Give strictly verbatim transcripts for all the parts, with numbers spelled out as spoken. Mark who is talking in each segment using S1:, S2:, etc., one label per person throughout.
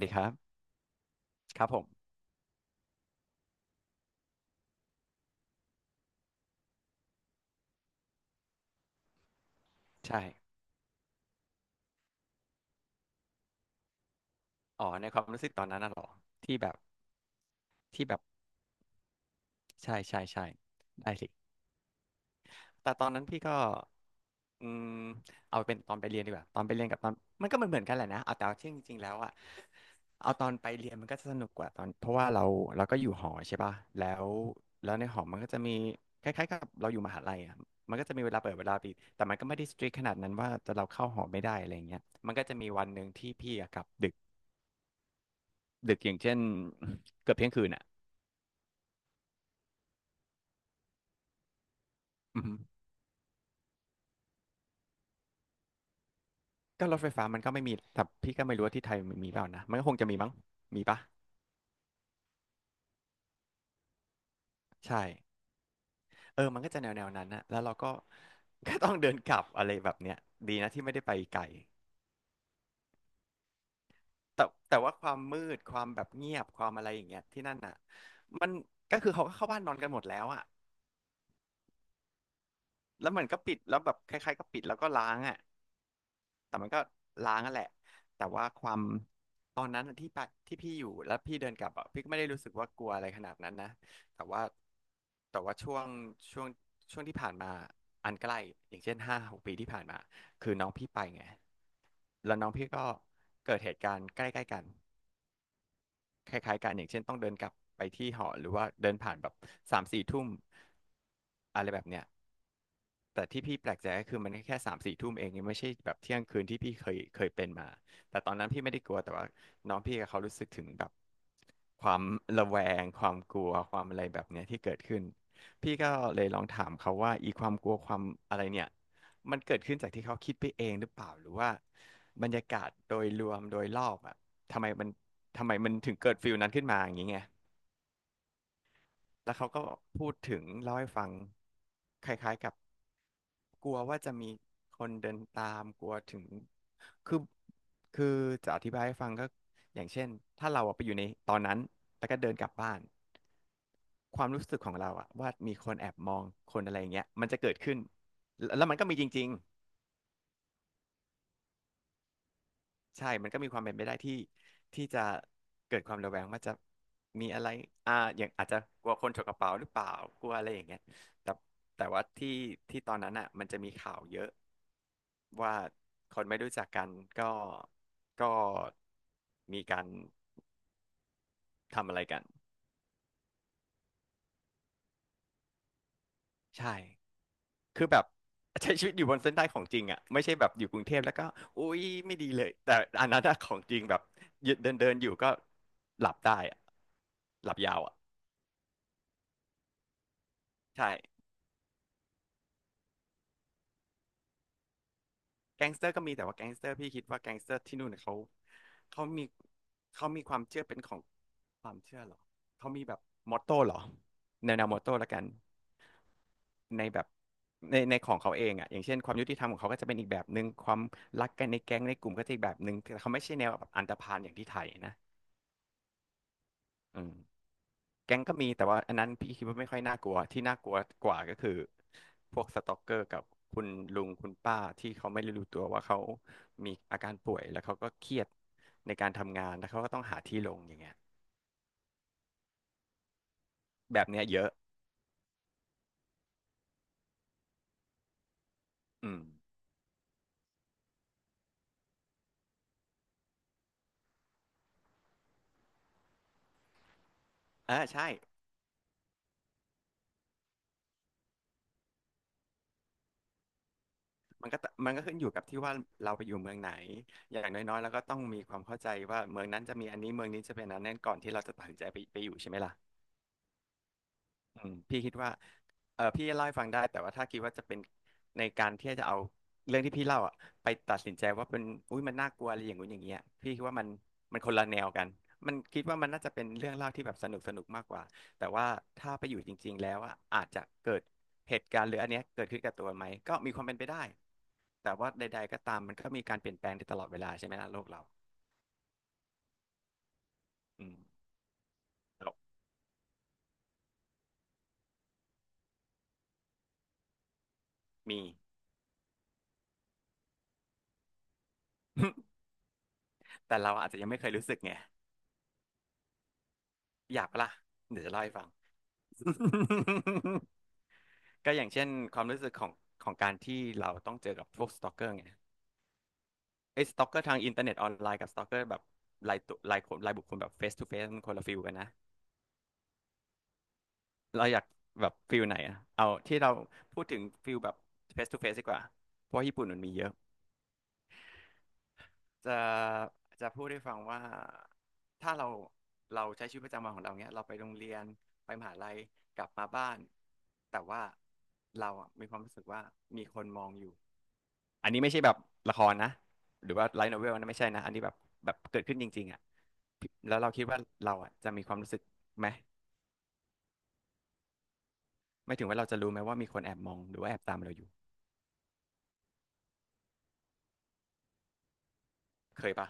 S1: ดีครับครับผมใช่อ๋อในความรู้สึกตอนนั้นน่ะเหรอที่แบบที่แบบใช่ใช่ใช่ได้สิแต่ตอนนั้นพี่ก็อืมเอาเป็นตอนไปเรียนดีกว่าตอนไปเรียนกับตอนมันก็เหมือนเหมือนกันแหละนะเอาแต่ว่าจริงจริงๆแล้วอะเอาตอนไปเรียนมันก็จะสนุกกว่าตอนเพราะว่าเราเราก็อยู่หอใช่ป่ะแล้วแล้วในหอมันก็จะมีคล้ายๆกับเราอยู่มหาลัยอะมันก็จะมีเวลาเปิดเวลาปิดแต่มันก็ไม่ได้สตริกขนาดนั้นว่าจะเราเข้าหอไม่ได้อะไรอย่างเงี้ยมันก็จะมีวันหนึ่งที่พี่อะกลับดึก ดึกอย่างเช่น เกือบเที่ยงคืนอ่ะอืมก็รถไฟฟ้ามันก็ไม่มีแต่พี่ก็ไม่รู้ว่าที่ไทยมันมีเปล่านะมันก็คงจะมีมั้งมีปะใช่เออมันก็จะแนวแนวนั้นนะแล้วเราก็ ก็ต้องเดินกลับอะไรแบบเนี้ยดีนะที่ไม่ได้ไปไกลแต่แต่ว่าความมืดความแบบเงียบความอะไรอย่างเงี้ยที่นั่นอ่ะมันก็คือเขาก็เข้าบ้านนอนกันหมดแล้วอ่ะแล้วมันก็ปิดแล้วแบบคล้ายๆก็ปิดแล้วก็ล้างอ่ะ แต่มันก็ล้างนั่นแหละ แต่ว่าความตอนนั้นที่ไปที่พี่อยู่แล้วพี่เดินกลับอ่ะพี่ก็ไม่ได้รู้สึกว่ากลัวอะไรขนาดนั้นนะ แต่ว่าแต่ว่าช่วงช่วงช่วงที่ผ่านมาอันใกล้อย่างเช่นห้าหกปีที่ผ่านมาคือน้องพี่ไปไงแล้วน้องพี่ก็เกิดเหตุการณ์ใกล้ๆกัน คล้ายๆกันอย่างเช่นต้องเดินกลับไปที่หอหรือว่าเดินผ่านแบบสามสี่ทุ่มอะไรแบบเนี้ยแต่ที่พี่แปลกใจก็คือมันแค่สามสี่ทุ่มเองยังไม่ใช่แบบเที่ยงคืนที่พี่เคยเคยเป็นมาแต่ตอนนั้นพี่ไม่ได้กลัวแต่ว่าน้องพี่กับเขารู้สึกถึงแบบความระแวงความกลัวความอะไรแบบเนี้ยที่เกิดขึ้นพี่ก็เลยลองถามเขาว่าอีความกลัวความอะไรเนี่ยมันเกิดขึ้นจากที่เขาคิดไปเองหรือเปล่าหรือว่าบรรยากาศโดยรวมโดยรอบอ่ะ ทำไมมันทำไมมันถึงเกิดฟิลนั้นขึ้นมาอย่างนี้ไงแล้วเขาก็พูดถึงเล่าให้ฟังคล้ายๆกับกลัวว่าจะมีคนเดินตามกลัวถึงคือคือจะอธิบายให้ฟังก็อย่างเช่นถ้าเราอะไปอยู่ในตอนนั้นแล้วก็เดินกลับบ้านความรู้สึกของเราอะว่ามีคนแอบมองคนอะไรอย่างเงี้ยมันจะเกิดขึ้นแล้วแล้วมันก็มีจริง ใช่มันก็มีความเป็นไปได้ที่ที่จะเกิดความระแวงว่าจะมีอะไรอ่าอย่างอาจจะกลัวคนฉกกระเป๋าหรือเปล่ากลัวอะไรอย่างเงี้ยแต่แต่ว่าที่ที่ตอนนั้นอ่ะมันจะมีข่าวเยอะว่าคนไม่รู้จักกันก็ก็มีการทำอะไรกันใช่คือแบบใช้ชีวิตอยู่บนเส้นได้ของจริงอ่ะไม่ใช่แบบอยู่กรุงเทพแล้วก็อุ๊ยไม่ดีเลยแต่อันนั้นอะของจริงแบบเดินเดินอยู่ก็หลับได้อะหลับยาวอ่ะ ใช่แก๊งสเตอร์ก็มีแต่ว่าแก๊งสเตอร์พี่คิดว่าแก๊งสเตอร์ที่นู่นเนยเขาเขามีเขามีความเชื่อเป็นของความเชื่อเหรอเขามีแบบมอตโต้เหรอแนวแนวมอตโต้ละกันในแบบในในของเขาเองอ่ะอย่างเช่นความยุติธรรมของเขาก็จะเป็นอีกแบบหนึ่งความรักกันในแก๊งในกลุ่มก็จะอีกแบบหนึ่งแต่เขาไม่ใช่แนวแบบอันธพาลอย่างที่ไทยนะอืม แก๊งก็มีแต่ว่าอันนั้นพี่คิดว่าไม่ค่อยน่ากลัวที่น่ากลัวกว่าก็คือพวกสตอกเกอร์กับคุณลุงคุณป้าที่เขาไม่ได้รู้ตัวว่าเขามีอาการป่วยแล้วเขาก็เครียดในการทำงานแล้วเขาก็ต้องหาที่ลงอย่างเงี้ยแบบเนี้ยเยอะอืมเออใช่มันก็ตมันก็ขึ้นอยู่กับที่ว่าเราไปอยู่เมืองไหนอย่างน้อยๆแล้วก็ต้องมีความเข้าใจว่าเมืองนั้นจะมีอันนี้เมืองนี้จะเป็นอันนั้นก่อนที่เราจะตัดสินใจไปไปอยู่ใช่ไหมล่ะ อืมพี่คิดว่าเออพี่เล่าให้ฟังได้แต่ว่าถ้าคิดว่าจะเป็นในการที่จะเอาเรื่องที่พี่เล่าอ่ะไปตัดสินใจว่าเป็นอุ้ยมันน่ากลัวอะไรอย่างงู้นอย่างเงี้ยพี่คิดว่ามันมันคนละแนวกันมันคิดว่ามันน่าจะเป็นเรื่องเล่าที่แบบสนุกสนุกมากกว่าแต่ว่าถ้าไปอยู่จริงๆแล้วอะอาจจะเกิดเหตุการณ์หรืออันเนี้ยเกิดขึ้นกับตัวไหมก็มีความเป็นไปได้แต่ว่าใดๆก็ตามมันก็มีการเปลี่ยนแปลงในตลอดเวลาใช่ไหมล่ะโลกเราอืมเรามี แต่เราอาจจะยังไม่เคยรู้สึกไงอยากปะล่ะเดี๋ยวจะเล่าให้ฟัง ก็อย่างเช่นความรู้สึกของของการที่เราต้องเจอกับพวกสตอกเกอร์ไงไอ้สตอกเกอร์ทางอินเทอร์เน็ตออนไลน์กับสตอกเกอร์แบบรายตัวรายคนรายบุคคลแบบเฟสทูเฟสมันคนละฟิลกันนะเราอยากแบบฟิลไหนอะเอาที่เราพูดถึงฟิลแบบเฟสทูเฟสดีกว่าเพราะว่าญี่ปุ่นมันมีเยอะจะจะพูดให้ฟังว่าถ้าเราเราใช้ชีวิตประจำวันของเราเนี้ยเราไปโรงเรียนไปมหาลัยกลับมาบ้านแต่ว่าเราอะมีความรู้สึกว่ามีคนมองอยู่ อันนี้ไม่ใช่แบบละครนะหรือว่าไลท์โนเวลนะไม่ใช่นะอันนี้แบบแบบเกิดขึ้นจริงๆอ่ะแล้วเราคิดว่าเราอ่ะจะมีความรู้สึกไหมไม่ถึงว่าเราจะรู้ไหมว่ามีคนแอบมองหรือว่าแอบตามเราอยู่เคยปะ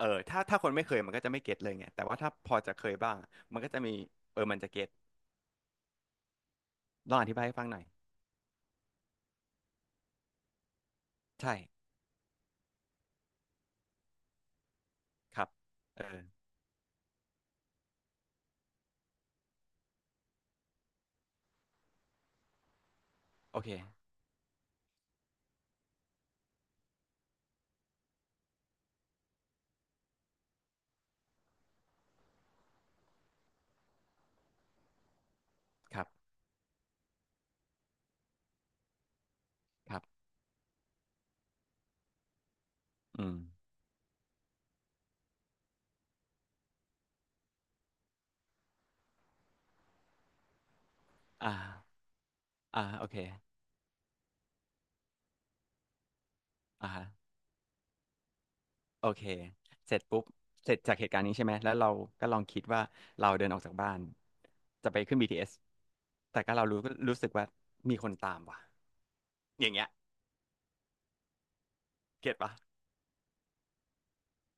S1: เออถ้าถ้าคนไม่เคยมันก็จะไม่เก็ตเลยไงแต่ว่าถ้าพอจะเคยบ้างมันก็จะมีเออมันจะเก็ตลองอธิบายให้ฟังหน่อยใช่ครับเออโอเคครับครับอืมอ่าอ่าโอเคอ่า โอเคเสร็จปุ๊บเสร็จจากเหตุการณ์นี้ใช่ไหม แล้วเราก็ลองคิดว่าเราเดินออกจากบ้านจะไปขึ้น บี ที เอส แต่ก็เรารู้รู้สึกว่ามีคนตามว่ะอย่างเงี้ยเก็ตปะ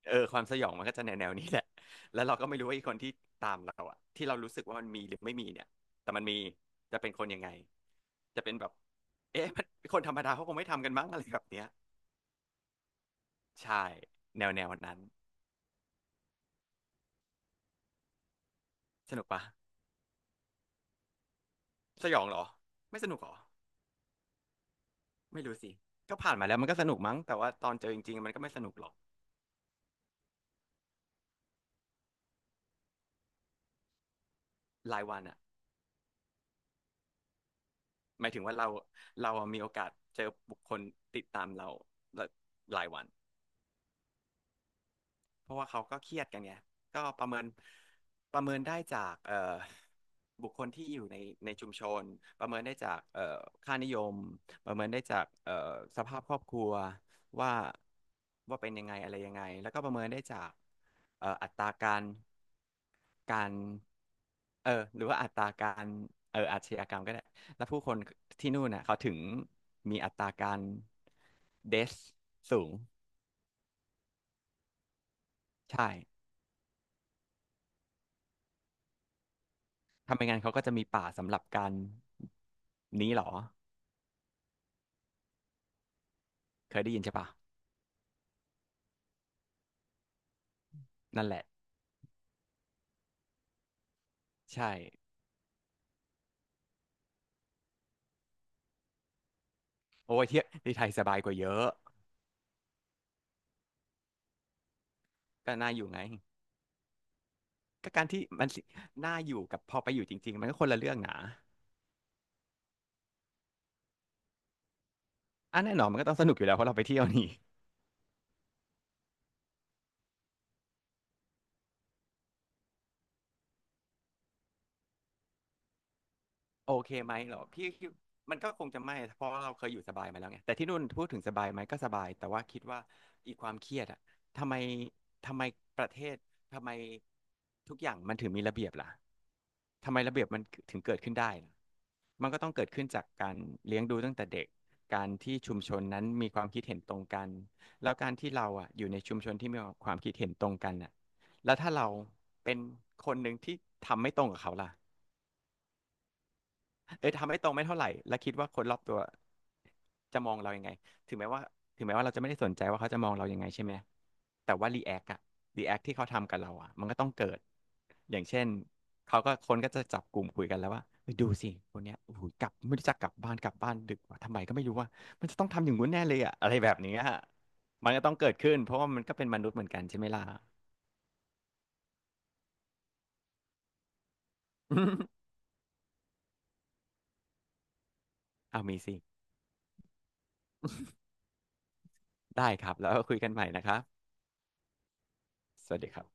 S1: เออความสยองมันก็จะแนวแนวนี้แหละแล้วเราก็ไม่รู้ว่าไอ้คนที่ตามเราอะที่เรารู้สึกว่ามันมีหรือไม่มีเนี่ยแต่มันมีจะเป็นคนยังไงจะเป็นแบบเอ๊ะมันคนธรรมดาเขาคงไม่ทำกันมั้งอะไรแบบเนี้ยใช่ แนวแนวนั้น สนุกปะสยองเหรอไม่สนุกเหรอ ไม่รู้สิ ก็ผ่านมาแล้วมันก็สนุกมั้ง แต่ว่าตอนเจอจริงๆมันก็ไม่สนุกหรอกรายวันอะหมายถึงว่าเราเราอะมีโอกาสเจอบุคคลติดตามเราหลายวัน เพราะว่าเขาก็เครียดกันไงก็ประเมินประเมินได้จากเอ่อบุคคลที่อยู่ในในชุมชนประเมินได้จากเอ่อค่านิยม ประเมินได้จากเอ่อสภาพครอบครัวว่าว่าเป็นยังไงอะไรยังไงแล้วก็ประเมินได้จากเอ่ออัตราการการเออหรือว่าอัตราการเอออาชญากรรมก็ได้แล้วผู้คนที่นู่นน่ะเขาถึงมีอัตราการเดสสูงใช่ ทำไมงั้นเขาก็จะมีป่าสำหรับการนี้เหรอเคยได้ยินใช่ปะนั่นแหละใช่โอ้ยเที่ยที่ไทยสบายกว่าเยอะก็น่าอยู่ไงก็การที่มันสิน่าอยู่กับพอไปอยู่จริงๆมันก็คนละเรื่องนะอ่ะแน่นอนมันก็ต้องสนุกอยู่แล้วเพราะเราไปเที่ยวนี่ โอเคไหมเหรอพี่คิดมันก็คงจะไม่เพราะ่เราเคยอยู่สบายมาแล้วไงแต่ที่นู่นพูดถึงสบายไหมก็สบายแต่ว่าคิดว่าอีกความเครียดอะทำไมทำไมประเทศทำไมทุกอย่างมันถึงมีระเบียบล่ะทำไมระเบียบมันถึงเกิดขึ้นได้ล่ะมันก็ต้องเกิดขึ้นจากการเลี้ยงดูตั้งแต่เด็กการที่ชุมชนนั้นมีความคิดเห็นตรงกันแล้วการที่เราอะอยู่ในชุมชนที่มีความคิดเห็นตรงกันอะแล้วถ้าเราเป็นคนหนึ่งที่ทำไม่ตรงกับเขาล่ะ เอ้ยทำให้ตรงไม่เท่าไหร่แล้วคิดว่าคนรอบตัวจะมองเรายังไงถึงแม้ว่าถึงแม้ว่าเราจะไม่ได้สนใจว่าเขาจะมองเรายังไงใช่ไหมแต่ว่ารีแอคอะรีแอคที่เขาทำกับเราอะมันก็ต้องเกิดอย่างเช่นเขาก็คนก็จะจับกลุ่มคุยกันแล้วว่าเฮ้ยดูสิคนเนี้ยโอ้โหกลับไม่รู้จักกลับบ้านกลับบ้านดึกว่าทำไมก็ไม่รู้ว่ามันจะต้องทำอย่างงู้นแน่เลยอะอะไรแบบนี้อะมันก็ต้องเกิดขึ้นเพราะว่ามันก็เป็นมนุษย์เหมือนกันใช่ไหมล่ะ เอามีสิได้ครับแล้วคุยกันใหม่นะครับสวัสดีครับ